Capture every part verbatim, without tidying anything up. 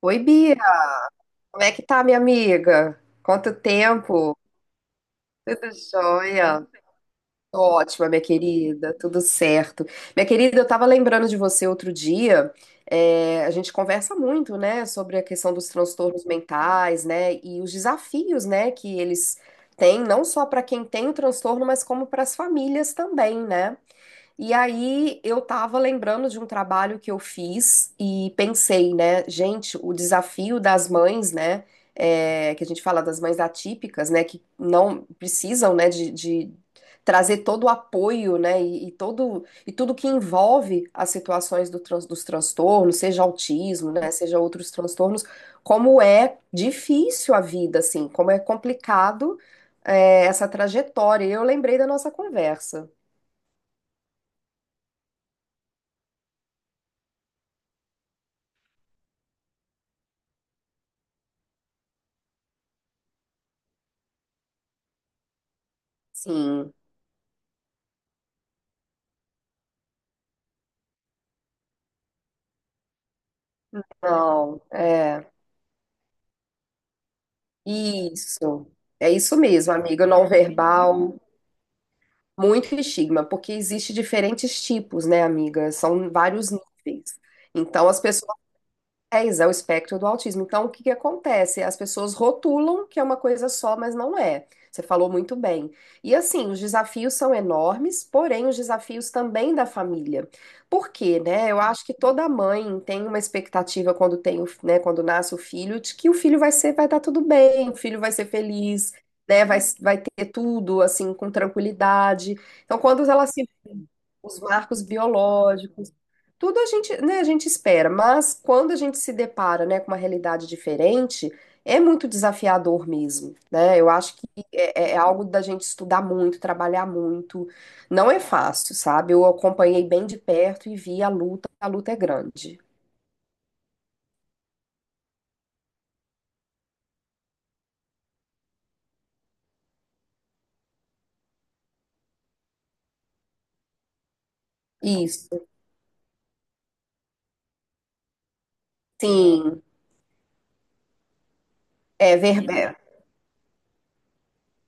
Oi, Bia, como é que tá, minha amiga? Quanto tempo? Tudo jóia? Tô ótima, minha querida, tudo certo. Minha querida, eu tava lembrando de você outro dia. É, a gente conversa muito, né, sobre a questão dos transtornos mentais, né, e os desafios, né, que eles têm, não só para quem tem o transtorno, mas como para as famílias também, né? E aí eu tava lembrando de um trabalho que eu fiz e pensei, né, gente, o desafio das mães, né, é, que a gente fala das mães atípicas, né, que não precisam, né, de, de trazer todo o apoio, né, e, e todo e tudo que envolve as situações do trans- dos transtornos, seja autismo, né, seja outros transtornos, como é difícil a vida, assim, como é complicado, é, essa trajetória. E eu lembrei da nossa conversa, sim. Não, é. Isso. É isso mesmo, amiga. Não verbal, muito estigma, porque existe diferentes tipos, né, amiga? São vários níveis. Então, as pessoas... É, exa- o espectro do autismo. Então, o que que acontece? As pessoas rotulam que é uma coisa só, mas não é. Você falou muito bem. E assim, os desafios são enormes, porém os desafios também da família. Por quê, né? Eu acho que toda mãe tem uma expectativa quando tem, o- né, quando nasce o filho, de que o filho vai ser, vai dar tudo bem, o filho vai ser feliz, né? Vai, vai ter tudo assim com tranquilidade. Então, quando ela se... os marcos biológicos. Tudo a gente, né, a gente espera, mas quando a gente se depara, né, com uma realidade diferente, é muito desafiador mesmo, né? Eu acho que é, é é algo da gente estudar muito, trabalhar muito. Não é fácil, sabe? Eu acompanhei bem de perto e vi a luta, a luta é grande. Isso, sim, é verdade.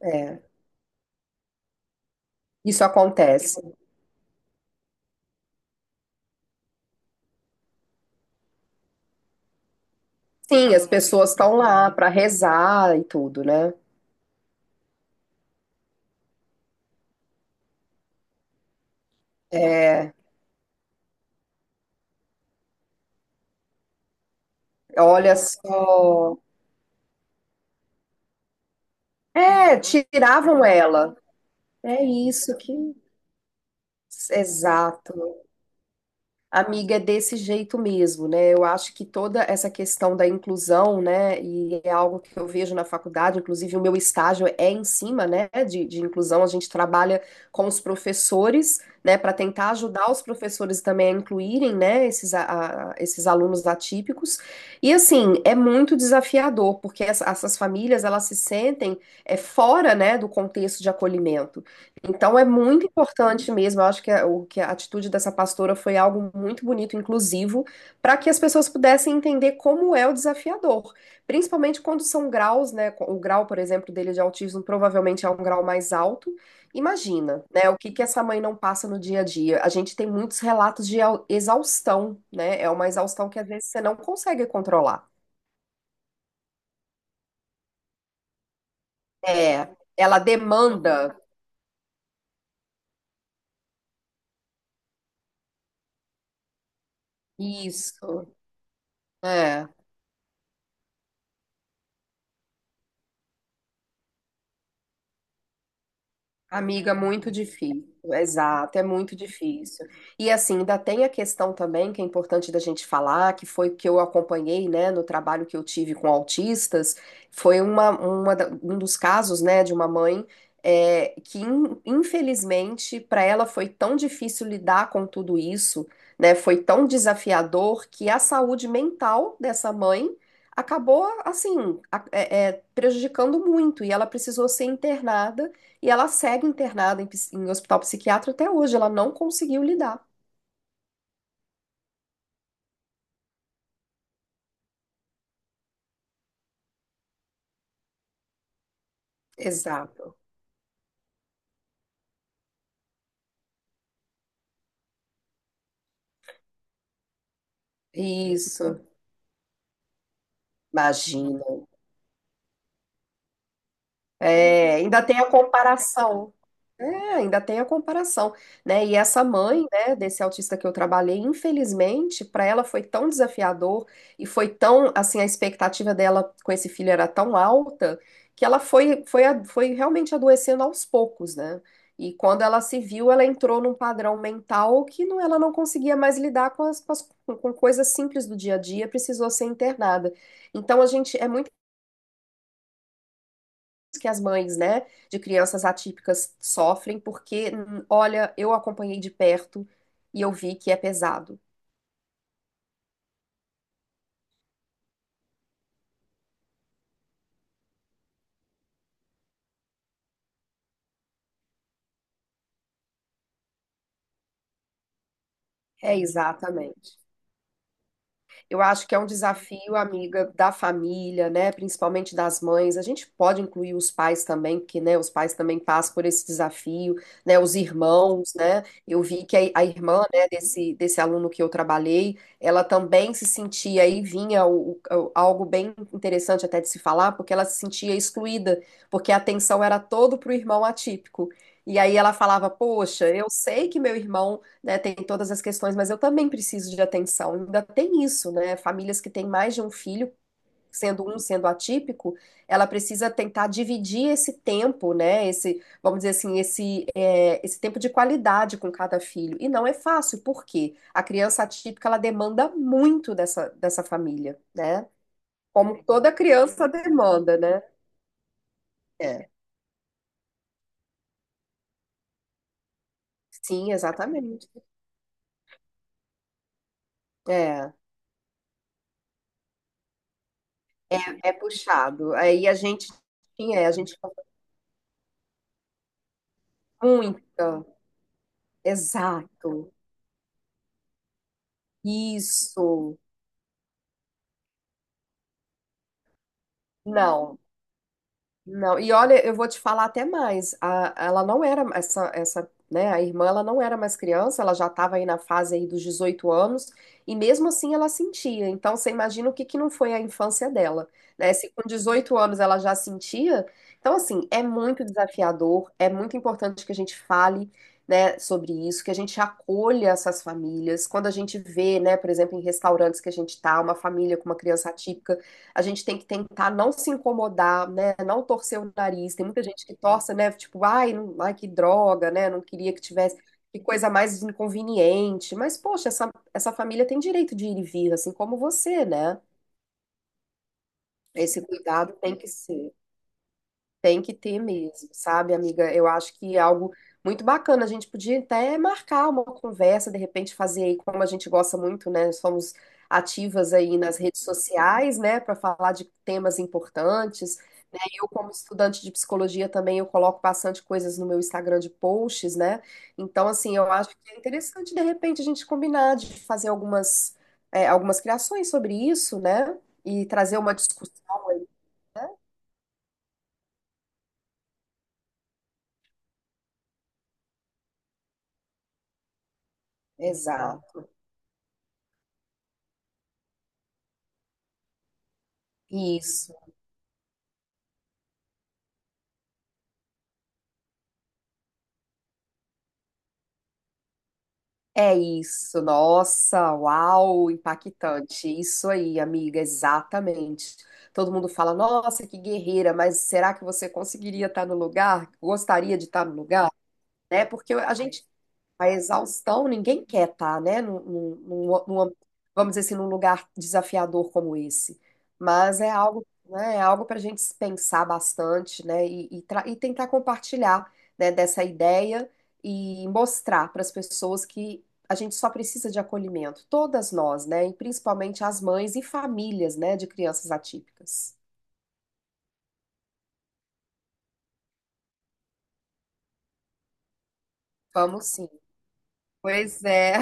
É, isso acontece. Sim, as pessoas estão lá para rezar e tudo, né? É, olha só. É, tiravam ela. É isso que... Exato. Amiga, é desse jeito mesmo, né? Eu acho que toda essa questão da inclusão, né? E é algo que eu vejo na faculdade, inclusive o meu estágio é em cima, né? De, de inclusão. A gente trabalha com os professores, né? Para tentar ajudar os professores também a incluírem, né? Esses, a- a- esses alunos atípicos. E assim, é muito desafiador, porque essa- essas famílias, elas se sentem é, fora, né? Do contexto de acolhimento. Então é muito importante mesmo, eu acho que a, o, que a atitude dessa pastora foi algo muito bonito, inclusivo, para que as pessoas pudessem entender como é o desafiador, principalmente quando são graus, né? co- O grau, por exemplo, dele de autismo provavelmente é um grau mais alto. Imagina, né? O que que essa mãe não passa no dia a dia? A gente tem muitos relatos de au- exaustão, né? É uma exaustão que às vezes você não consegue controlar. É, ela demanda isso. É. Amiga, muito difícil, exato, é muito difícil. E assim, ainda tem a questão também que é importante da gente falar, que foi o que eu acompanhei, né, no trabalho que eu tive com autistas, foi uma, uma da- um dos casos, né, de uma mãe é, que in- infelizmente para ela foi tão difícil lidar com tudo isso, né, foi tão desafiador que a saúde mental dessa mãe acabou assim a- é, é, prejudicando muito e ela precisou ser internada e ela segue internada em, ps- em hospital psiquiátrico até hoje, ela não conseguiu lidar. Exato. Isso, imagina. É, ainda tem a comparação. É, ainda tem a comparação, né? E essa mãe, né, desse autista que eu trabalhei, infelizmente, para ela foi tão desafiador e foi tão, assim, a expectativa dela com esse filho era tão alta que ela foi, foi, a- foi realmente adoecendo aos poucos, né? E quando ela se viu, ela entrou num padrão mental que não, ela não conseguia mais lidar com as, com as- com coisas simples do dia a dia, precisou ser internada. Então, a gente, é muito que as mães, né, de crianças atípicas sofrem, porque, hum, olha, eu acompanhei de perto e eu vi que é pesado. É exatamente. Eu acho que é um desafio, amiga, da família, né? Principalmente das mães. A gente pode incluir os pais também, porque, né, os pais também passam por esse desafio, né? Os irmãos, né? Eu vi que a, a irmã, né, desse, desse aluno que eu trabalhei, ela também se sentia aí, vinha o- o- algo bem interessante até de se falar, porque ela se sentia excluída, porque a atenção era todo para o irmão atípico. E aí ela falava, poxa, eu sei que meu irmão né, tem todas as questões, mas eu também preciso de atenção. Ainda tem isso, né? Famílias que têm mais de um filho, sendo um sendo atípico, ela precisa tentar dividir esse tempo, né? Esse, vamos dizer assim, esse, é, esse tempo de qualidade com cada filho. E não é fácil, porque a criança atípica ela demanda muito dessa, dessa família, né? Como toda criança demanda, né? É. Sim, exatamente. É, é puxado. Aí a gente, sim, é, a gente fala muito. Exato. Isso. Não. Não, e olha, eu vou te falar até mais. A- ela não era essa, essa, né? A irmã, ela não era mais criança. Ela já estava aí na fase aí dos dezoito anos. E mesmo assim, ela sentia. Então, você imagina o que que não foi a infância dela, né? Se com dezoito anos ela já sentia, então assim é muito desafiador. É muito importante que a gente fale, né, sobre isso, que a gente acolha essas famílias. Quando a gente vê, né, por exemplo, em restaurantes que a gente tá, uma família com uma criança atípica, a gente tem que tentar não se incomodar, né? Não torcer o nariz. Tem muita gente que torce, né? Tipo, ai, não- ai, que droga, né? Não queria que tivesse, que coisa mais inconveniente. Mas, poxa, essa, essa família tem direito de ir e vir, assim como você, né? Esse cuidado tem que ser, tem que ter mesmo, sabe, amiga? Eu acho que é algo muito bacana. A gente podia até marcar uma conversa, de repente fazer aí, como a gente gosta muito, né? Somos ativas aí nas redes sociais, né? Para falar de temas importantes. Eu, como estudante de psicologia também, eu coloco bastante coisas no meu Instagram de posts, né? Então, assim, eu acho que é interessante, de repente, a gente combinar de fazer algumas, é, algumas criações sobre isso, né? E trazer uma discussão aí, né? Exato. Isso. É isso. Nossa, uau, impactante. Isso aí, amiga, exatamente. Todo mundo fala, nossa, que guerreira, mas será que você conseguiria estar no lugar? Gostaria de estar no lugar? Né? Porque a gente... A exaustão ninguém quer estar, né? Num, num- num- num- vamos dizer assim, num lugar desafiador como esse. Mas é algo, né, é algo para a gente pensar bastante, né? E, e tra- e tentar compartilhar, né, dessa ideia e mostrar para as pessoas que a gente só precisa de acolhimento, todas nós, né? E principalmente as mães e famílias, né, de crianças atípicas. Vamos sim. Pois é.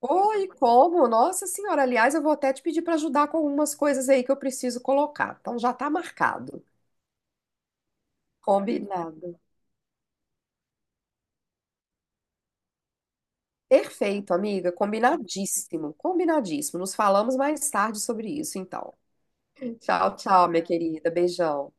Oi, como? Nossa Senhora, aliás, eu vou até te pedir para ajudar com algumas coisas aí que eu preciso colocar. Então já tá marcado. Combinado. Perfeito, amiga. Combinadíssimo. Combinadíssimo. Nos falamos mais tarde sobre isso, então. Tchau, tchau, minha querida. Beijão.